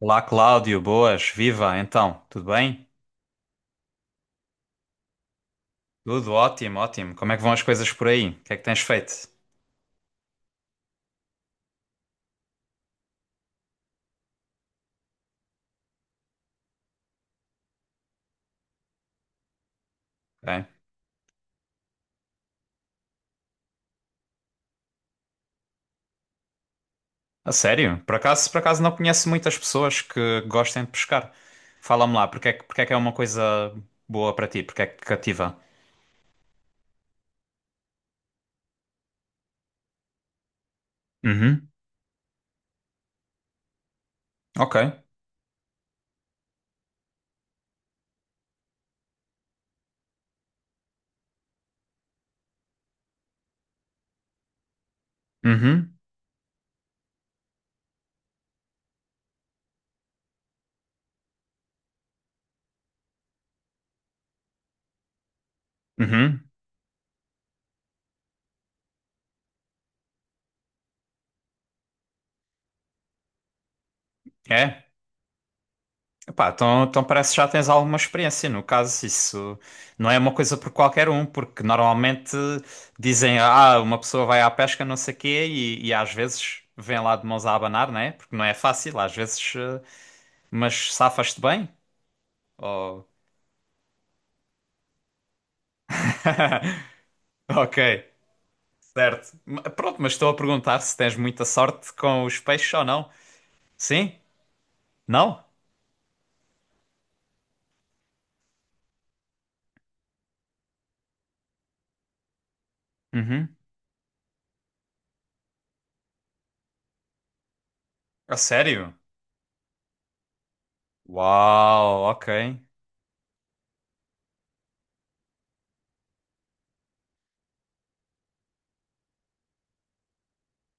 Olá, Cláudio, boas, viva, então, tudo bem? Tudo ótimo, ótimo. Como é que vão as coisas por aí? O que é que tens feito? Bem, a sério, por acaso não conheço muitas pessoas que gostem de pescar. Fala-me lá, porque é que é uma coisa boa para ti? Porque é que te cativa? Uhum, ok. Uhum, uhum. É? Epá, então parece que já tens alguma experiência. No caso, isso não é uma coisa por qualquer um, porque normalmente dizem, uma pessoa vai à pesca, não sei quê, e às vezes vem lá de mãos a abanar, né? Porque não é fácil, às vezes, mas safas-te bem? Ou- Ok, certo. Pronto, mas estou a perguntar se tens muita sorte com os peixes ou não. Sim? Não? Uhum. A sério? Uau, ok.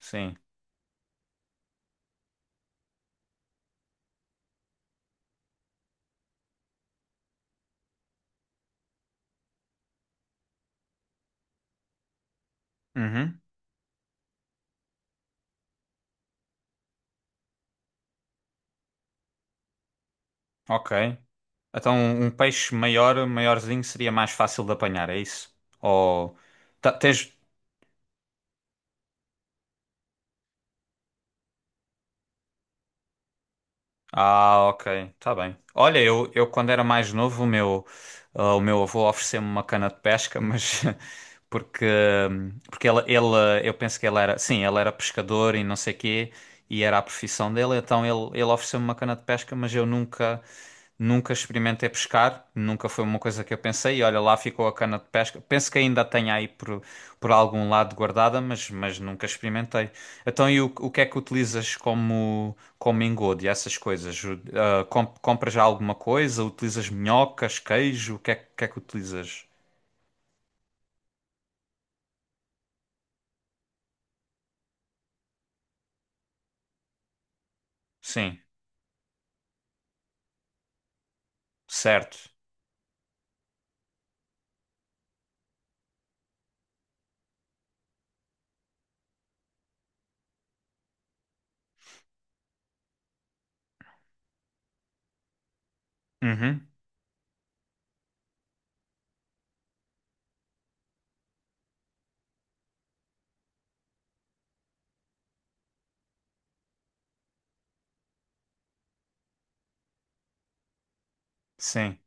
Sim. Uhum. Ok. Então, um peixe maior, maiorzinho, seria mais fácil de apanhar, é isso? Ou ta- tens, Ah, ok, tá bem. Olha, eu quando era mais novo, o meu avô ofereceu-me uma cana de pesca, mas porque, porque eu penso que ele era, sim, ele era pescador e não sei quê, e era a profissão dele, então ele ofereceu-me uma cana de pesca, mas eu nunca, nunca experimentei pescar, nunca foi uma coisa que eu pensei, e olha, lá ficou a cana de pesca. Penso que ainda tenho aí por algum lado guardada, mas nunca experimentei. Então, e o que é que utilizas como engodo e essas coisas? Compras já alguma coisa? Utilizas minhocas, queijo? O que é que utilizas? Sim, certo. Uhum, sim.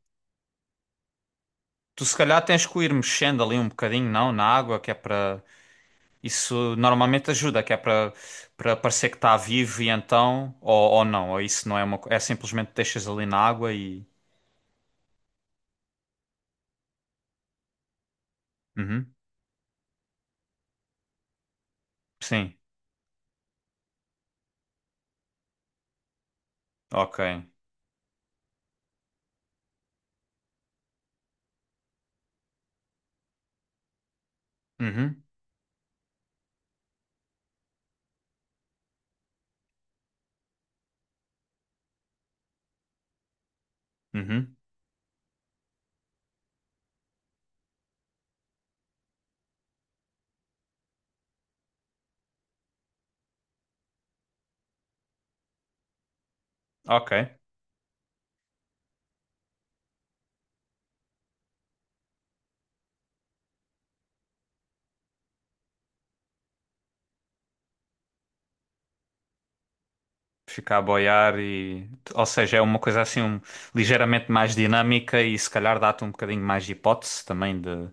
Tu se calhar tens que o ir mexendo ali um bocadinho, não? Na água, que é para. Isso normalmente ajuda, que é para parecer que está vivo e então. Ou não, ou isso não é uma é simplesmente deixas ali na água e. Uhum, sim, ok. Uhum, uhum, ok. Fica a boiar e, ou seja, é uma coisa assim ligeiramente mais dinâmica e se calhar dá-te um bocadinho mais de hipótese também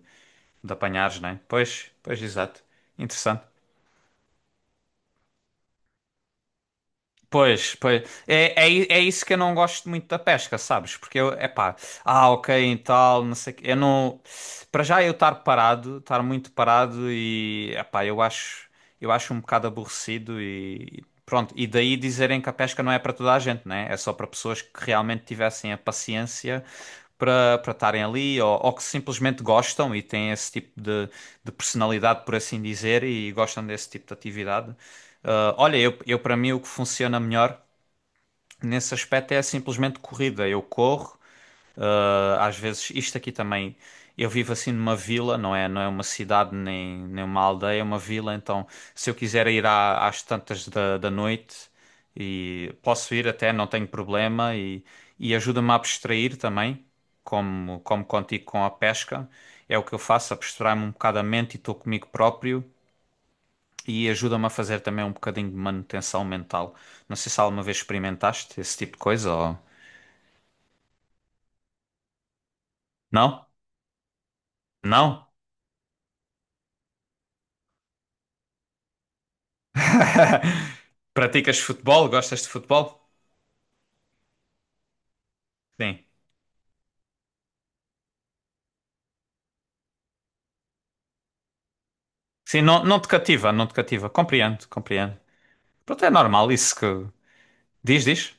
de apanhares, né? Pois, pois, exato. Interessante. Pois, pois. É isso que eu não gosto muito da pesca, sabes? Porque eu, é pá, ok, e tal, não sei o quê. Eu não. Para já eu estar parado, estar muito parado e, é pá, eu acho um bocado aborrecido e pronto. E daí dizerem que a pesca não é para toda a gente, né? É só para pessoas que realmente tivessem a paciência para estarem ali ou que simplesmente gostam e têm esse tipo de personalidade, por assim dizer, e gostam desse tipo de atividade. Ah, olha, eu para mim o que funciona melhor nesse aspecto é simplesmente corrida. Eu corro, às vezes isto aqui também. Eu vivo assim numa vila, não é? Não é uma cidade nem uma aldeia, é uma vila. Então, se eu quiser ir às tantas da noite e posso ir até, não tenho problema e ajuda-me a abstrair também, como contigo com a pesca. É o que eu faço, abstrair-me um bocado a mente e estou comigo próprio. E ajuda-me a fazer também um bocadinho de manutenção mental. Não sei se alguma vez experimentaste esse tipo de coisa ou. Não? Não? Praticas futebol? Gostas de futebol? Sim. Sim, não, não te cativa, não te cativa. Compreendo, compreendo. Pronto, é normal isso que. Diz, diz?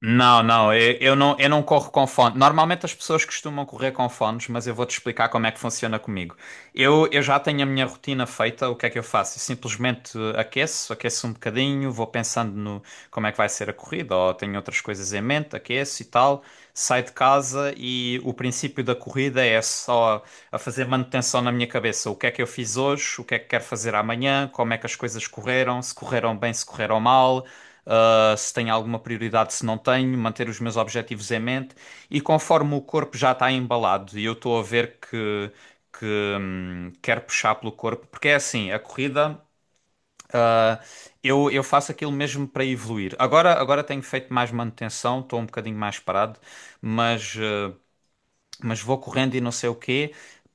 Não, não, eu não corro com fones. Normalmente as pessoas costumam correr com fones, mas eu vou-te explicar como é que funciona comigo. Eu já tenho a minha rotina feita, o que é que eu faço? Eu simplesmente aqueço um bocadinho, vou pensando no como é que vai ser a corrida, ou tenho outras coisas em mente, aqueço e tal, saio de casa e o princípio da corrida é só a fazer manutenção na minha cabeça. O que é que eu fiz hoje, o que é que quero fazer amanhã, como é que as coisas correram, se correram bem, se correram mal. Se tenho alguma prioridade, se não tenho, manter os meus objetivos em mente. E conforme o corpo já está embalado e eu estou a ver que quer puxar pelo corpo, porque é assim, a corrida, ah, eu faço aquilo mesmo para evoluir. Agora tenho feito mais manutenção, estou um bocadinho mais parado, mas. hum, mas vou correndo e não sei o quê.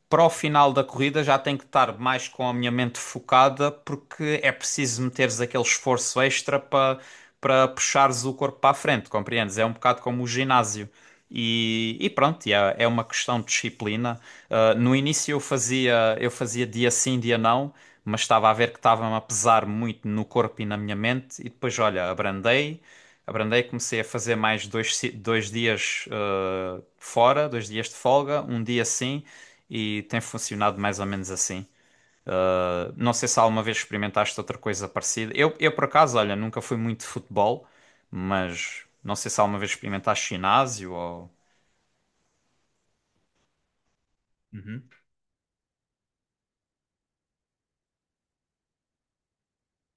Para o final da corrida já tenho que estar mais com a minha mente focada, porque é preciso meteres aquele esforço extra para puxares o corpo para a frente, compreendes? É um bocado como o ginásio. E pronto, e é uma questão de disciplina. Ah, no início eu fazia dia sim, dia não, mas estava a ver que estava-me a pesar muito no corpo e na minha mente, e depois, olha, abrandei. Abrandei, comecei a fazer mais dois dias fora, dois dias de folga, um dia sim, e tem funcionado mais ou menos assim. Não sei se alguma vez experimentaste outra coisa parecida. Eu por acaso, olha, nunca fui muito de futebol, mas não sei se alguma vez experimentaste ginásio ou. Uhum.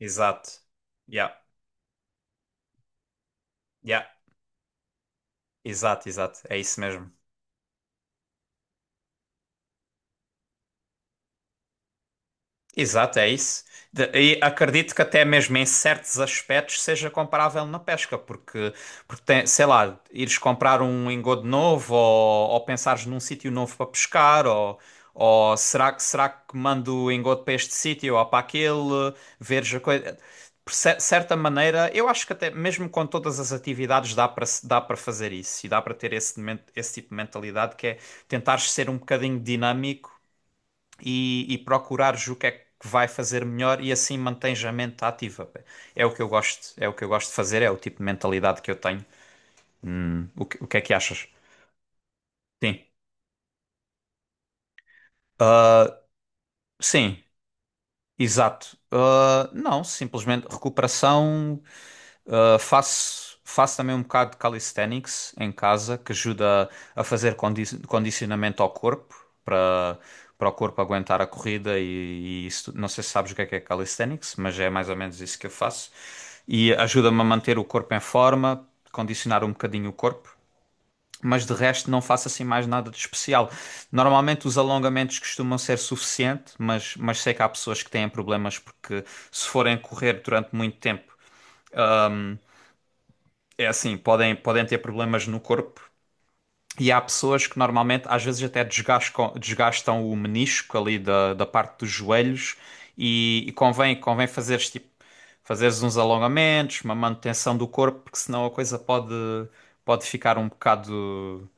Exato. Yeah, yeah, exato, exato. É isso mesmo. Exato, é isso. E acredito que até mesmo em certos aspectos seja comparável na pesca, porque tem, sei lá, ires comprar um engodo novo ou pensares num sítio novo para pescar, ou será que mando o engodo para este sítio ou para aquele, veres a coisa. Por certa maneira, eu acho que até mesmo com todas as atividades dá para se- dá para fazer isso e dá para ter esse tipo de mentalidade que é tentar ser um bocadinho dinâmico e procurares o que é que vai fazer melhor e assim mantens a mente ativa. Pá. É o que eu gosto, é o que eu gosto de fazer, é o tipo de mentalidade que eu tenho. O que é que achas? Sim. Ah, sim, exato. Ah, não, simplesmente recuperação. Faço também um bocado de calisthenics em casa, que ajuda a fazer condicionamento ao corpo, para, para o corpo aguentar a corrida e isso. Não sei se sabes o que é calisthenics, mas é mais ou menos isso que eu faço. E ajuda-me a manter o corpo em forma, condicionar um bocadinho o corpo. Mas de resto não faço assim mais nada de especial. Normalmente os alongamentos costumam ser suficiente, mas sei que há pessoas que têm problemas porque se forem correr durante muito tempo é assim, podem ter problemas no corpo e há pessoas que normalmente, às vezes até desgastam o menisco ali da parte dos joelhos e convém fazeres uns alongamentos, uma manutenção do corpo, porque senão a coisa pode ficar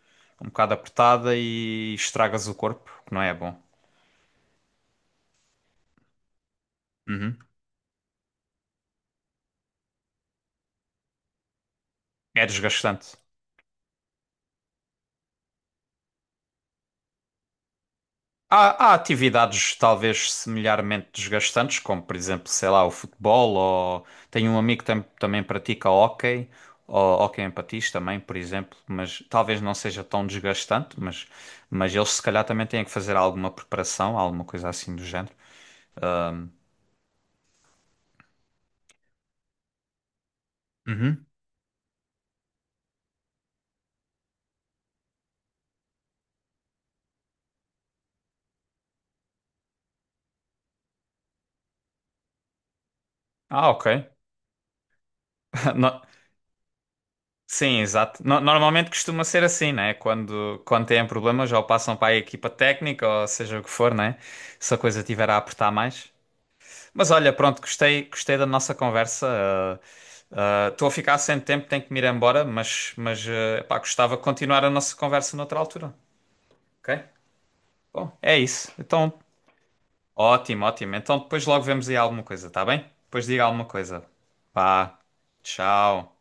um bocado apertada e estragas o corpo, que não é bom. Uhum. É desgastante. Há atividades talvez semelhantemente desgastantes, como por exemplo, sei lá, o futebol, ou tenho um amigo que também pratica hóquei, ou hóquei em patins também, por exemplo, mas talvez não seja tão desgastante, mas eles se calhar também têm que fazer alguma preparação, alguma coisa assim do género. Uhum. Ah, ok. No- Sim, exato. Normalmente costuma ser assim, né? Quando têm problemas, ou passam para a equipa técnica, ou seja o que for, né? Se a coisa tiver a apertar mais. Mas olha, pronto, gostei da nossa conversa. Estou a ficar sem tempo, tenho que me ir embora, mas pá, gostava de continuar a nossa conversa noutra altura. Ok? Bom, é isso. Então, ótimo, ótimo. Então depois logo vemos aí alguma coisa, tá bem? Depois diga alguma coisa. Pá, tchau.